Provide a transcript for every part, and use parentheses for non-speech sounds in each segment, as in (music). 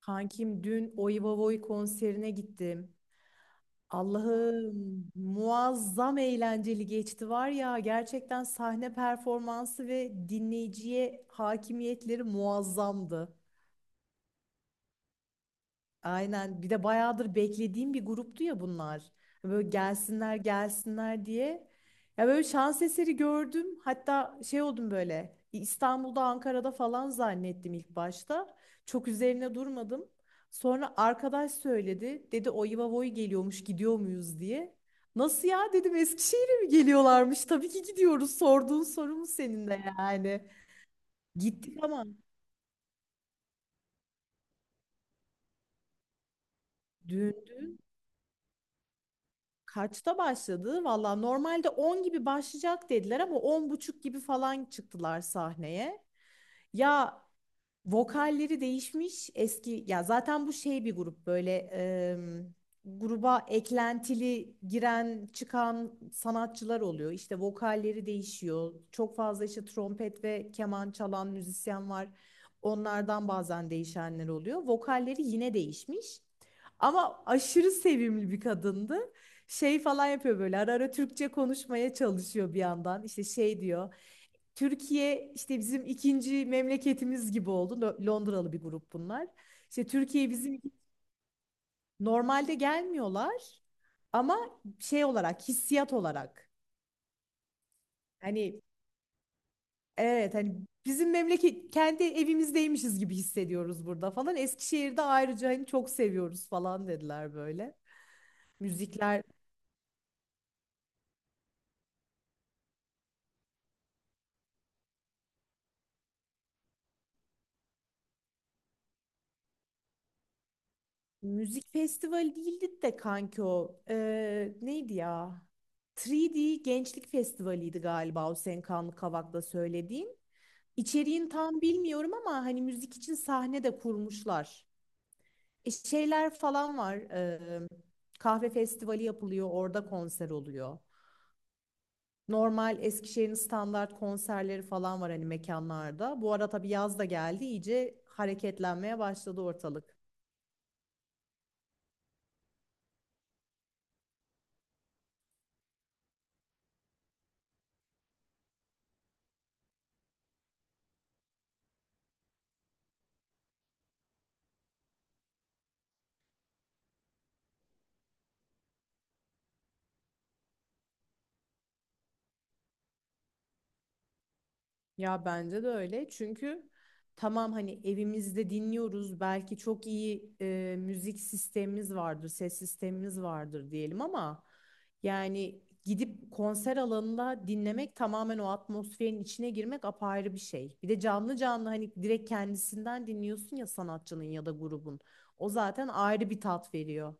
Kankim dün Oivavoy konserine gittim. Allah'ım muazzam eğlenceli geçti var ya, gerçekten sahne performansı ve dinleyiciye hakimiyetleri muazzamdı. Aynen. Bir de bayağıdır beklediğim bir gruptu ya bunlar. Böyle gelsinler gelsinler diye. Ya böyle şans eseri gördüm. Hatta şey oldum böyle. İstanbul'da, Ankara'da falan zannettim ilk başta. Çok üzerine durmadım. Sonra arkadaş söyledi. Dedi o Voy geliyormuş gidiyor muyuz diye. Nasıl ya dedim, Eskişehir'e mi geliyorlarmış? Tabii ki gidiyoruz. Sorduğun soru mu senin de yani. Gittik ama dün. Kaçta başladı? Valla normalde 10 gibi başlayacak dediler ama 10.30 gibi falan çıktılar sahneye. Ya vokalleri değişmiş eski ya, zaten bu şey bir grup böyle, gruba eklentili giren çıkan sanatçılar oluyor. İşte vokalleri değişiyor. Çok fazla işte trompet ve keman çalan müzisyen var. Onlardan bazen değişenler oluyor. Vokalleri yine değişmiş. Ama aşırı sevimli bir kadındı. Şey falan yapıyor böyle, ara ara Türkçe konuşmaya çalışıyor bir yandan. İşte şey diyor. Türkiye işte bizim ikinci memleketimiz gibi oldu. Londralı bir grup bunlar. İşte Türkiye bizim normalde gelmiyorlar ama şey olarak, hissiyat olarak, hani evet hani bizim memleket, kendi evimizdeymişiz gibi hissediyoruz burada falan. Eskişehir'de ayrıca hani çok seviyoruz falan dediler böyle. Müzikler müzik festivali değildi de kanki o. Neydi ya? 3D Gençlik Festivali'ydi galiba o senin Kanlı Kavak'ta söylediğin. İçeriğini tam bilmiyorum ama hani müzik için sahne de kurmuşlar. Şeyler falan var. Kahve festivali yapılıyor, orada konser oluyor. Normal Eskişehir'in standart konserleri falan var hani mekanlarda. Bu ara tabii yaz da geldi, iyice hareketlenmeye başladı ortalık. Ya bence de öyle. Çünkü tamam hani evimizde dinliyoruz. Belki çok iyi müzik sistemimiz vardır, ses sistemimiz vardır diyelim ama yani gidip konser alanında dinlemek, tamamen o atmosferin içine girmek apayrı bir şey. Bir de canlı canlı hani direkt kendisinden dinliyorsun ya, sanatçının ya da grubun. O zaten ayrı bir tat veriyor.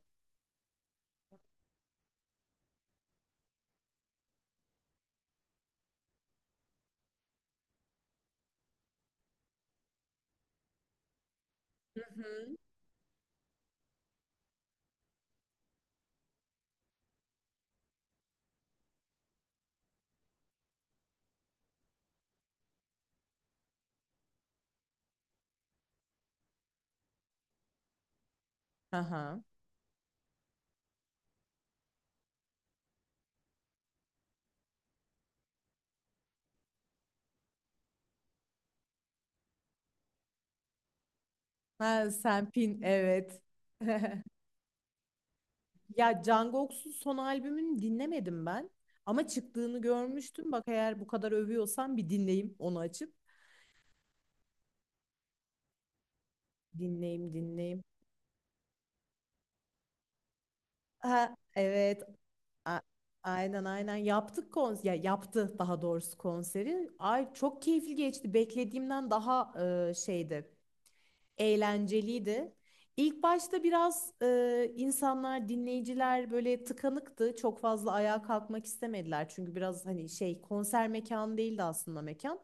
Aha. Ha, sen pin evet. (laughs) Ya Jungkook'un son albümünü dinlemedim ben. Ama çıktığını görmüştüm. Bak, eğer bu kadar övüyorsan bir dinleyeyim onu açıp. Dinleyeyim dinleyeyim. Ha, evet. A- aynen aynen yaptık konser. Ya yaptı daha doğrusu konseri. Ay çok keyifli geçti. Beklediğimden daha e, şeydi. Eğlenceliydi. İlk başta biraz insanlar, dinleyiciler böyle tıkanıktı. Çok fazla ayağa kalkmak istemediler. Çünkü biraz hani şey, konser mekanı değildi aslında mekan.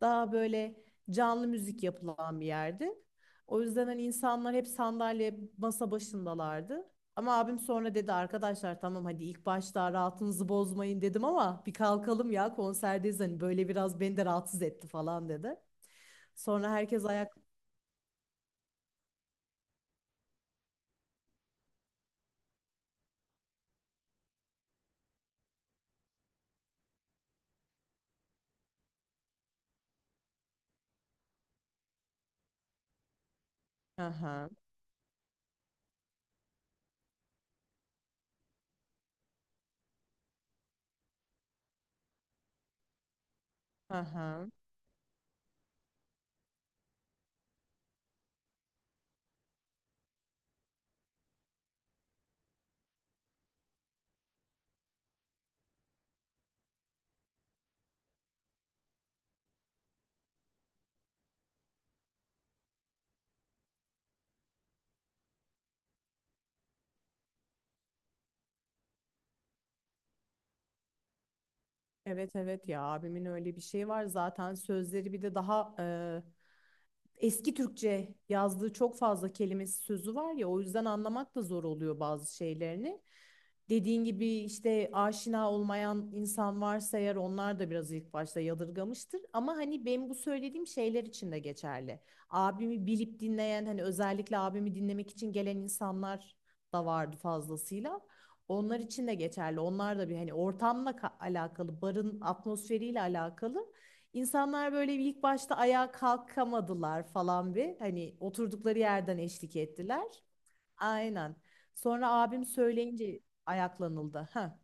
Daha böyle canlı müzik yapılan bir yerdi. O yüzden hani insanlar hep sandalye, masa başındalardı. Ama abim sonra dedi arkadaşlar tamam hadi, ilk başta rahatınızı bozmayın dedim ama bir kalkalım ya, konserdeyiz hani, böyle biraz beni de rahatsız etti falan dedi. Sonra herkes ayak... Hı hı. Hı hı. Evet evet ya, abimin öyle bir şeyi var, zaten sözleri bir de daha eski Türkçe yazdığı çok fazla kelimesi sözü var ya, o yüzden anlamak da zor oluyor bazı şeylerini. Dediğin gibi işte aşina olmayan insan varsa eğer, onlar da biraz ilk başta yadırgamıştır. Ama hani benim bu söylediğim şeyler için de geçerli. Abimi bilip dinleyen hani, özellikle abimi dinlemek için gelen insanlar da vardı fazlasıyla. Onlar için de geçerli. Onlar da bir hani ortamla alakalı, barın atmosferiyle alakalı, İnsanlar böyle bir ilk başta ayağa kalkamadılar falan bir. Hani oturdukları yerden eşlik ettiler. Aynen. Sonra abim söyleyince ayaklanıldı. Ha.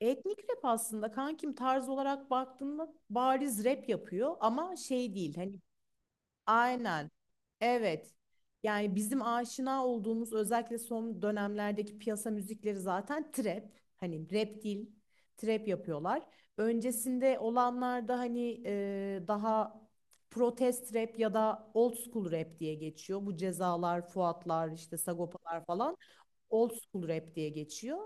Etnik rap aslında kankim, tarz olarak baktığında bariz rap yapıyor ama şey değil hani. Aynen. Evet. Yani bizim aşina olduğumuz, özellikle son dönemlerdeki piyasa müzikleri zaten trap. Hani rap değil, trap yapıyorlar. Öncesinde olanlarda hani daha protest rap ya da old school rap diye geçiyor. Bu Cezalar, Fuatlar, işte Sagopalar falan old school rap diye geçiyor.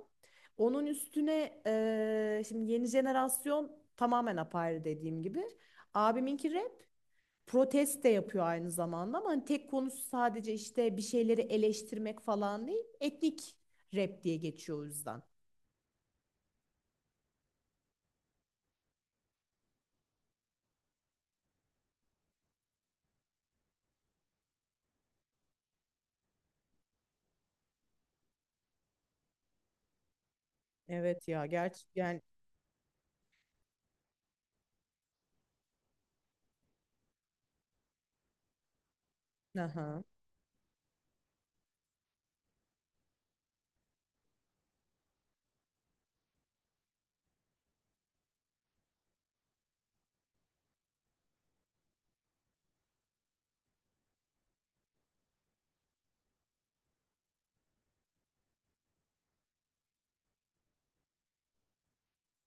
Onun üstüne şimdi yeni jenerasyon tamamen apayrı, dediğim gibi. Abiminki rap, protest de yapıyor aynı zamanda, ama hani tek konusu sadece işte bir şeyleri eleştirmek falan değil. Etnik rap diye geçiyor o yüzden. Evet ya, gerçi yani aha.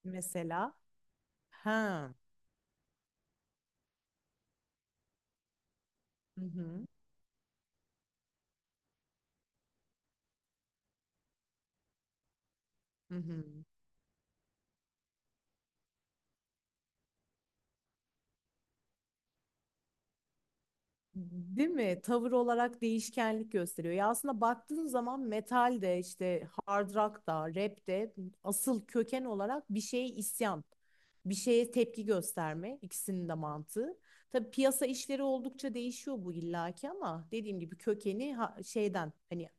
Mesela ha. Hı hı. Hı hı. Değil mi? Tavır olarak değişkenlik gösteriyor. Ya aslında baktığın zaman metal de, işte hard rock da, rap de asıl köken olarak bir şeye isyan, bir şeye tepki gösterme ikisinin de mantığı. Tabii piyasa işleri oldukça değişiyor bu illaki, ama dediğim gibi kökeni şeyden, hani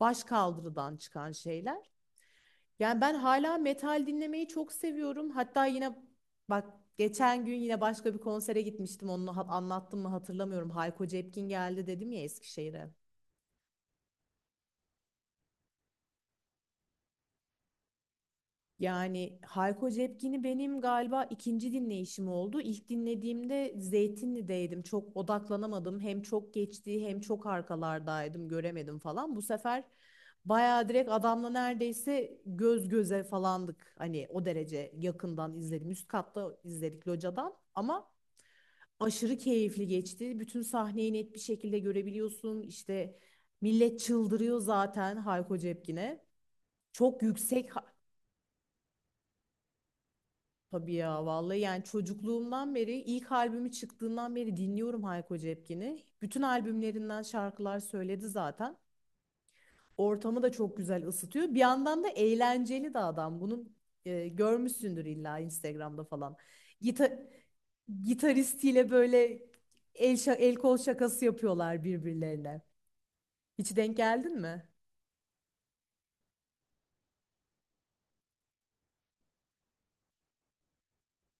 baş kaldırıdan çıkan şeyler. Yani ben hala metal dinlemeyi çok seviyorum. Hatta yine bak, geçen gün yine başka bir konsere gitmiştim. Onu anlattım mı hatırlamıyorum. Hayko Cepkin geldi dedim ya Eskişehir'e. Yani Hayko Cepkin'i benim galiba ikinci dinleyişim oldu. İlk dinlediğimde Zeytinli'deydim. Çok odaklanamadım. Hem çok geçti, hem çok arkalardaydım. Göremedim falan. Bu sefer bayağı direkt adamla neredeyse göz göze falandık. Hani o derece yakından izledim. Üst katta izledik locadan ama aşırı keyifli geçti. Bütün sahneyi net bir şekilde görebiliyorsun. İşte millet çıldırıyor zaten Hayko Cepkin'e. Çok yüksek tabii ya, vallahi yani çocukluğumdan beri, ilk albümü çıktığından beri dinliyorum Hayko Cepkin'i. Bütün albümlerinden şarkılar söyledi zaten. Ortamı da çok güzel ısıtıyor. Bir yandan da eğlenceli de adam. Bunu görmüşsündür illa Instagram'da falan. Gita Gitaristiyle böyle el kol şakası yapıyorlar birbirlerine. Hiç denk geldin mi?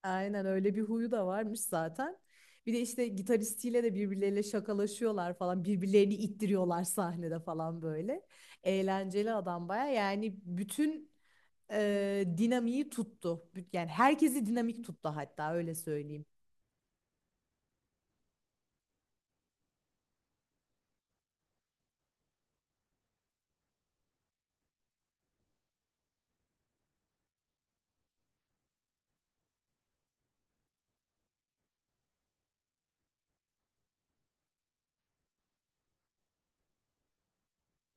Aynen, öyle bir huyu da varmış zaten. Bir de işte gitaristiyle de birbirleriyle şakalaşıyorlar falan. Birbirlerini ittiriyorlar sahnede falan böyle. Eğlenceli adam baya. Yani bütün dinamiği tuttu. Yani herkesi dinamik tuttu, hatta öyle söyleyeyim.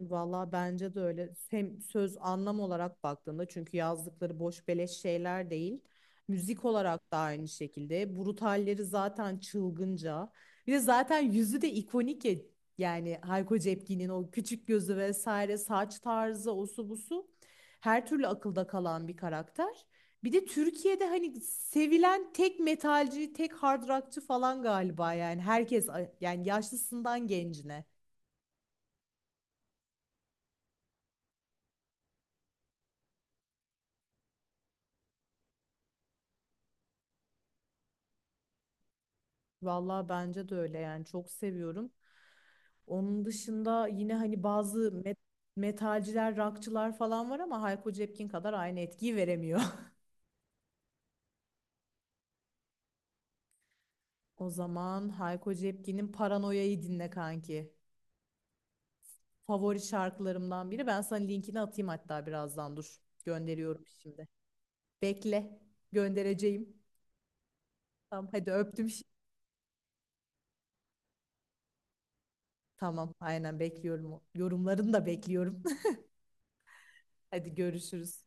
Valla bence de öyle. Hem söz anlam olarak baktığında, çünkü yazdıkları boş beleş şeyler değil. Müzik olarak da aynı şekilde. Brutalleri zaten çılgınca. Bir de zaten yüzü de ikonik ya. Yani Hayko Cepkin'in o küçük gözü vesaire, saç tarzı, osu busu, her türlü akılda kalan bir karakter. Bir de Türkiye'de hani sevilen tek metalci, tek hard rockçı falan galiba, yani herkes, yani yaşlısından gencine. Vallahi bence de öyle, yani çok seviyorum. Onun dışında yine hani bazı metalciler, rockçılar falan var ama Hayko Cepkin kadar aynı etkiyi veremiyor. (laughs) O zaman Hayko Cepkin'in Paranoya'yı dinle kanki. Favori şarkılarımdan biri. Ben sana linkini atayım hatta birazdan, dur. Gönderiyorum şimdi. Bekle. Göndereceğim. Tamam hadi, öptüm şimdi. Tamam aynen, bekliyorum. Yorumlarını da bekliyorum. (laughs) Hadi görüşürüz.